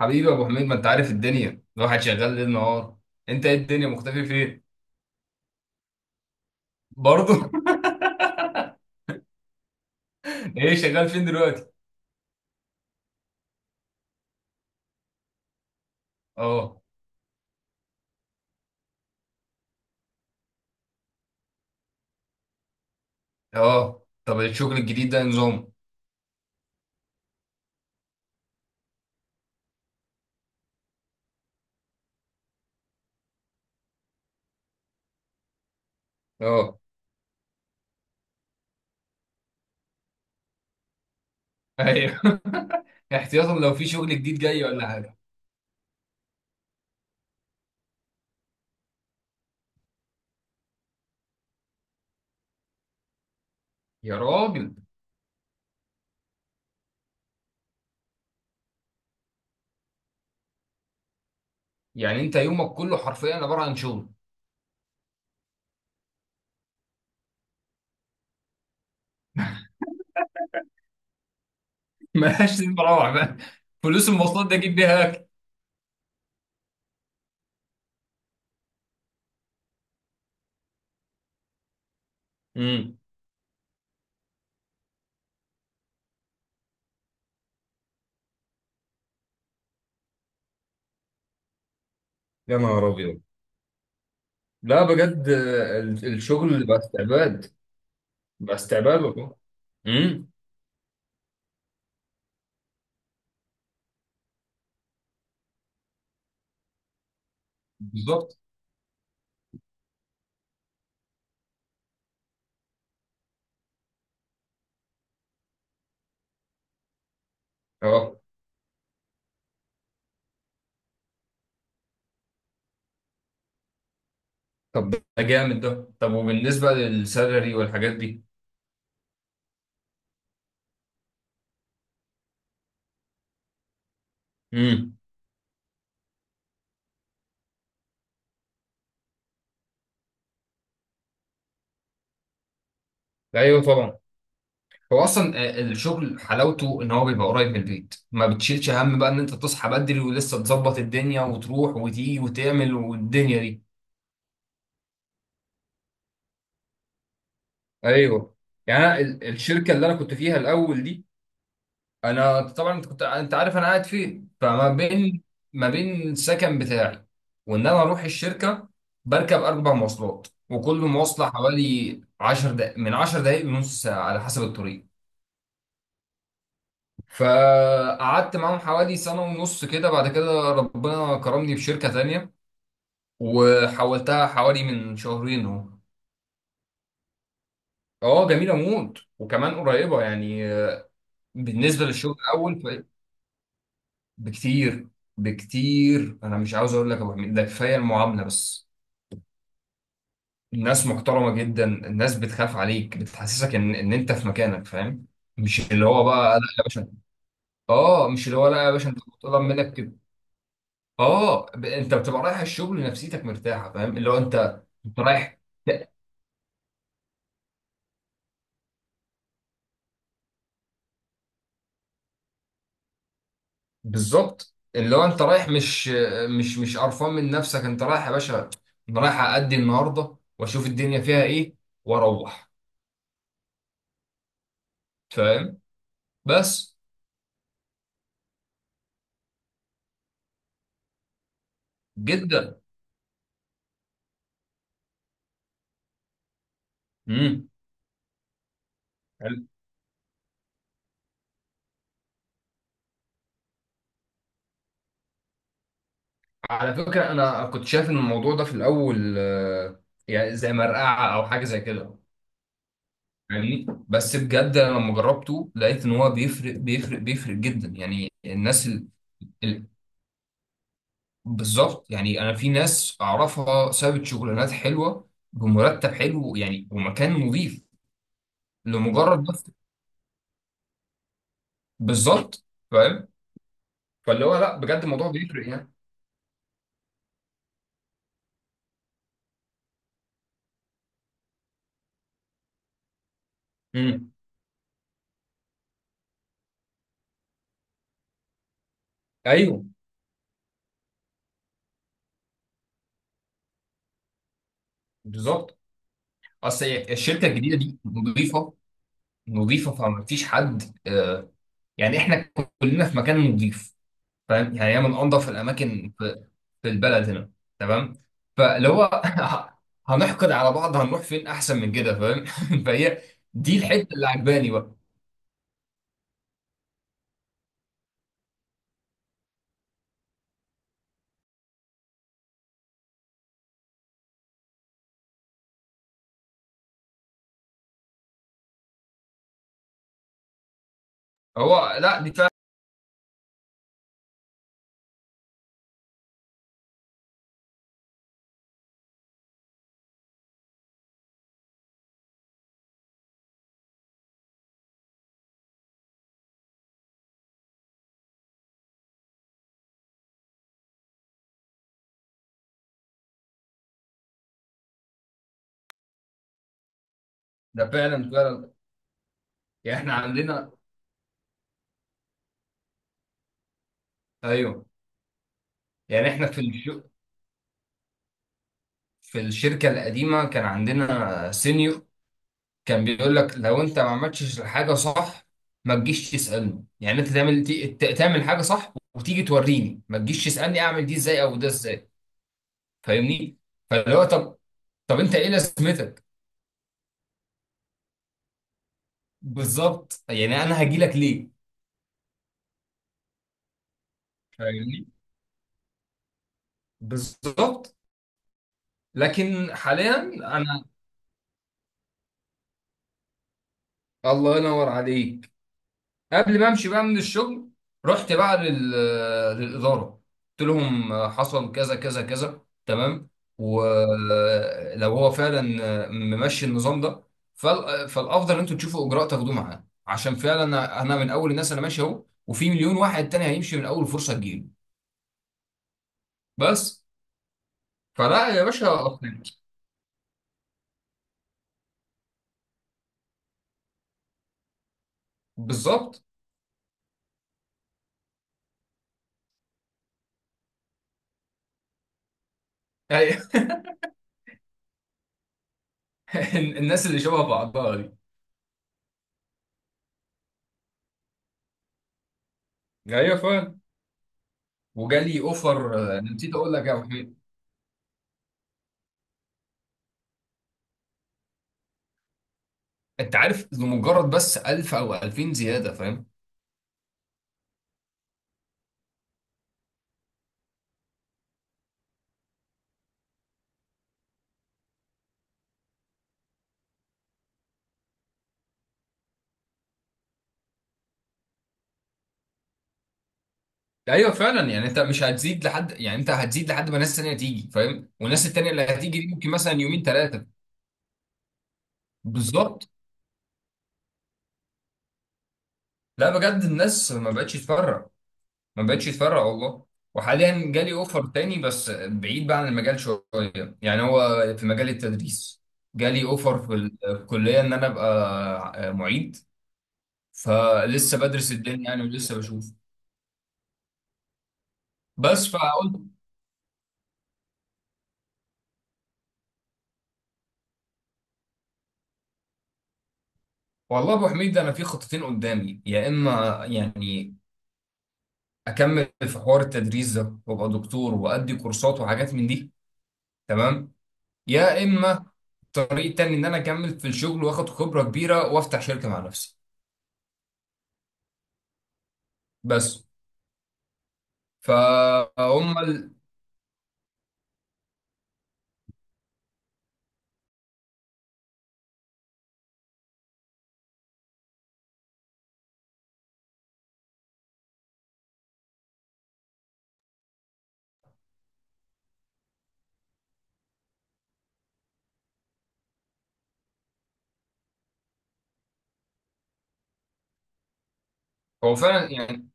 حبيبي يا ابو حميد، ما انت عارف الدنيا الواحد شغال ليل نهار. انت ايه الدنيا مختفي فين؟ برضه. ايه شغال فين دلوقتي؟ اه. اه طب الشغل الجديد ده نظام؟ اه، ايوه. احتياطا لو في شغل جديد جاي ولا حاجه. يا راجل. يعني انت يومك كله حرفيا عباره عن شغل. ملهاش لازمه اروح بقى. فلوس المواصلات ده اجيب بيها اكل. امم. يا نهار ابيض. لا بجد، الشغل بقى استعباد. بقى استعباد والله. امم. بالظبط. اه طب ده جامد ده. طب وبالنسبة للسالري والحاجات دي؟ امم. ايوه طبعا. هو اصلا الشغل حلاوته ان هو بيبقى قريب من البيت، ما بتشيلش هم بقى ان انت تصحى بدري ولسه تظبط الدنيا وتروح وتيجي وتعمل والدنيا دي. ايوه. يعني أنا الشركة اللي انا كنت فيها الاول دي. انا طبعا، انت كنت انت عارف انا قاعد فين، فما بين، ما بين السكن بتاعي وان انا اروح الشركه، بركب اربع مواصلات، وكل مواصله حوالي 10 دقائق، من 10 دقائق لنص ساعه على حسب الطريق. فقعدت معاهم حوالي سنه ونص كده، بعد كده ربنا كرمني في شركه تانية وحولتها حوالي من شهرين اهو. اه جميله موت وكمان قريبه يعني بالنسبه للشغل الاول. بكتير، بكتير. انا مش عاوز اقول لك يا ابو حميد ده، كفايه المعامله بس. الناس محترمه جدا، الناس بتخاف عليك بتحسسك ان انت في مكانك فاهم. مش اللي هو بقى لا يا باشا. اه مش اللي هو لا يا باشا انت بتطلب منك كده. اه، انت بتبقى رايح الشغل نفسيتك مرتاحه فاهم، اللي هو انت رايح. ت- بالظبط اللي هو انت رايح، مش قرفان من نفسك، انت رايح يا باشا. انا رايح ادي النهارده واشوف الدنيا فيها ايه، واروح فاهم بس جدا. امم. على فكرة أنا كنت شايف إن الموضوع ده في الأول، يعني زي مرقعة أو حاجة زي كده يعني. بس بجد أنا لما جربته لقيت إن هو بيفرق جدا، يعني الناس ال... بالظبط. يعني أنا في ناس أعرفها سابت شغلانات حلوة بمرتب حلو يعني ومكان نظيف لمجرد بس. بالظبط فاهم. فاللي هو لا بجد الموضوع بيفرق يعني. امم. أيوه. بالظبط. أصل الشركة الجديدة دي نظيفة، نظيفه فما فيش حد، يعني احنا كلنا في مكان نظيف فاهم، يعني هي من انظف الاماكن في البلد هنا. تمام. فلو هو هنحقد على بعض هنروح فين احسن من كده فاهم؟ فهي دي الحته اللي عجباني بقى. هو لا دي فعلا. ده فعلا فعلا يعني احنا عندنا. ايوه. يعني احنا في الشركه القديمه كان عندنا سينيور، كان بيقول لك لو انت ما عملتش الحاجه صح ما تجيش تسالني، يعني انت تعمل، تعمل حاجه صح وتيجي توريني، ما تجيش تسالني اعمل دي ازاي او ده ازاي فاهمني. فاللي هو طب، طب انت ايه لازمتك؟ بالظبط، يعني انا هاجي لك ليه؟ فاهمني. بالظبط. لكن حاليا انا، الله ينور عليك، قبل ما امشي بقى من الشغل رحت بقى للاداره، قلت لهم حصل كذا كذا كذا تمام. ولو هو فعلا ممشي النظام ده فالافضل ان انتوا تشوفوا اجراء تاخدوه معاه، عشان فعلا أنا من اول الناس، انا ماشي اهو، وفي مليون واحد تاني هيمشي من اول فرصه تجيله بس. فلا يا باشا أقنعك. بالظبط. أي- الناس اللي شبه بعضها دي. ايوه فعلا. وجالي اوفر. نسيت اقول لك يا أبو حميد، انت عارف لمجرد بس 1000 او 2000 زياده فاهم. ايوه فعلا، يعني انت مش هتزيد لحد، يعني انت هتزيد لحد ما الناس التانيه تيجي فاهم، والناس التانيه اللي هتيجي دي ممكن مثلا يومين ثلاثه. بالظبط. لا بجد الناس ما بقتش تفرق، ما بقتش تفرق والله. وحاليا جالي اوفر تاني بس بعيد بقى عن المجال شويه، يعني هو في مجال التدريس. جالي اوفر في الكليه ان انا ابقى معيد، فلسه بدرس الدنيا يعني، ولسه بشوف بس فقلت. والله ابو حميد انا في خطتين قدامي، يا اما يعني اكمل في حوار التدريس ده وابقى دكتور وادي كورسات وحاجات من دي تمام، يا اما الطريق التاني ان انا اكمل في الشغل واخد خبره كبيره وافتح شركه مع نفسي. بس فهم ال... هو فعلا يعني.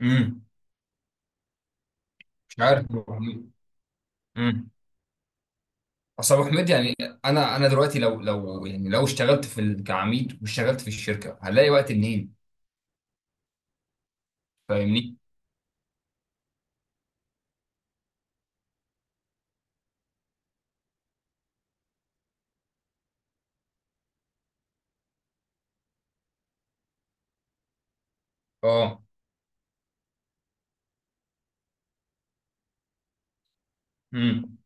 امم. مش عارف ابو حميد. امم. اصل ابو حميد يعني انا دلوقتي، لو يعني لو اشتغلت كعميد واشتغلت في الشركه هلاقي وقت منين؟ فاهمني. اه. امم.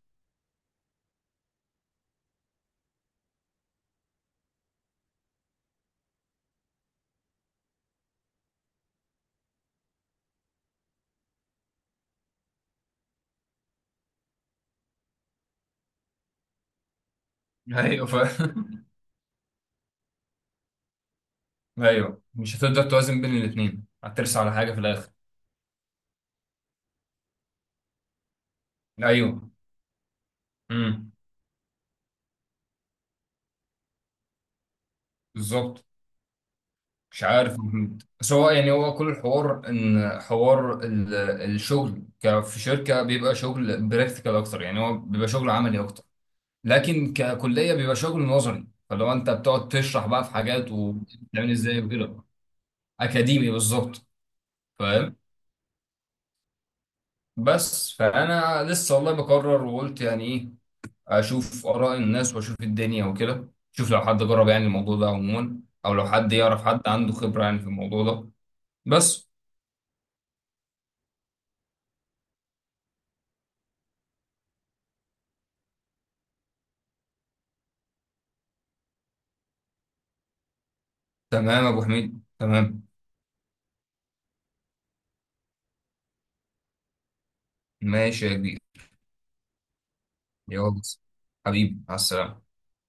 ايوه فاهم. ايوه مش هتقدر توازن بين الاثنين، هترسى على حاجه في الاخر. ايوه. امم. بالظبط. مش عارف يا محمد. بس هو يعني، هو كل الحوار ان حوار الشغل في شركه بيبقى شغل براكتيكال اكتر، يعني هو بيبقى شغل عملي اكتر، لكن ككليه بيبقى شغل نظري، فلو انت بتقعد تشرح بقى في حاجات وبتعمل ازاي وكده. اكاديمي بالظبط فاهم. بس فانا لسه والله بقرر، وقلت يعني ايه اشوف اراء الناس واشوف الدنيا وكده، شوف لو حد جرب يعني الموضوع ده عموما، او لو حد يعرف حد عنده خبرة يعني في الموضوع ده بس. تمام يا ابو حميد تمام. ماشي يا كبير. يلا. حبيبي مع السلامة.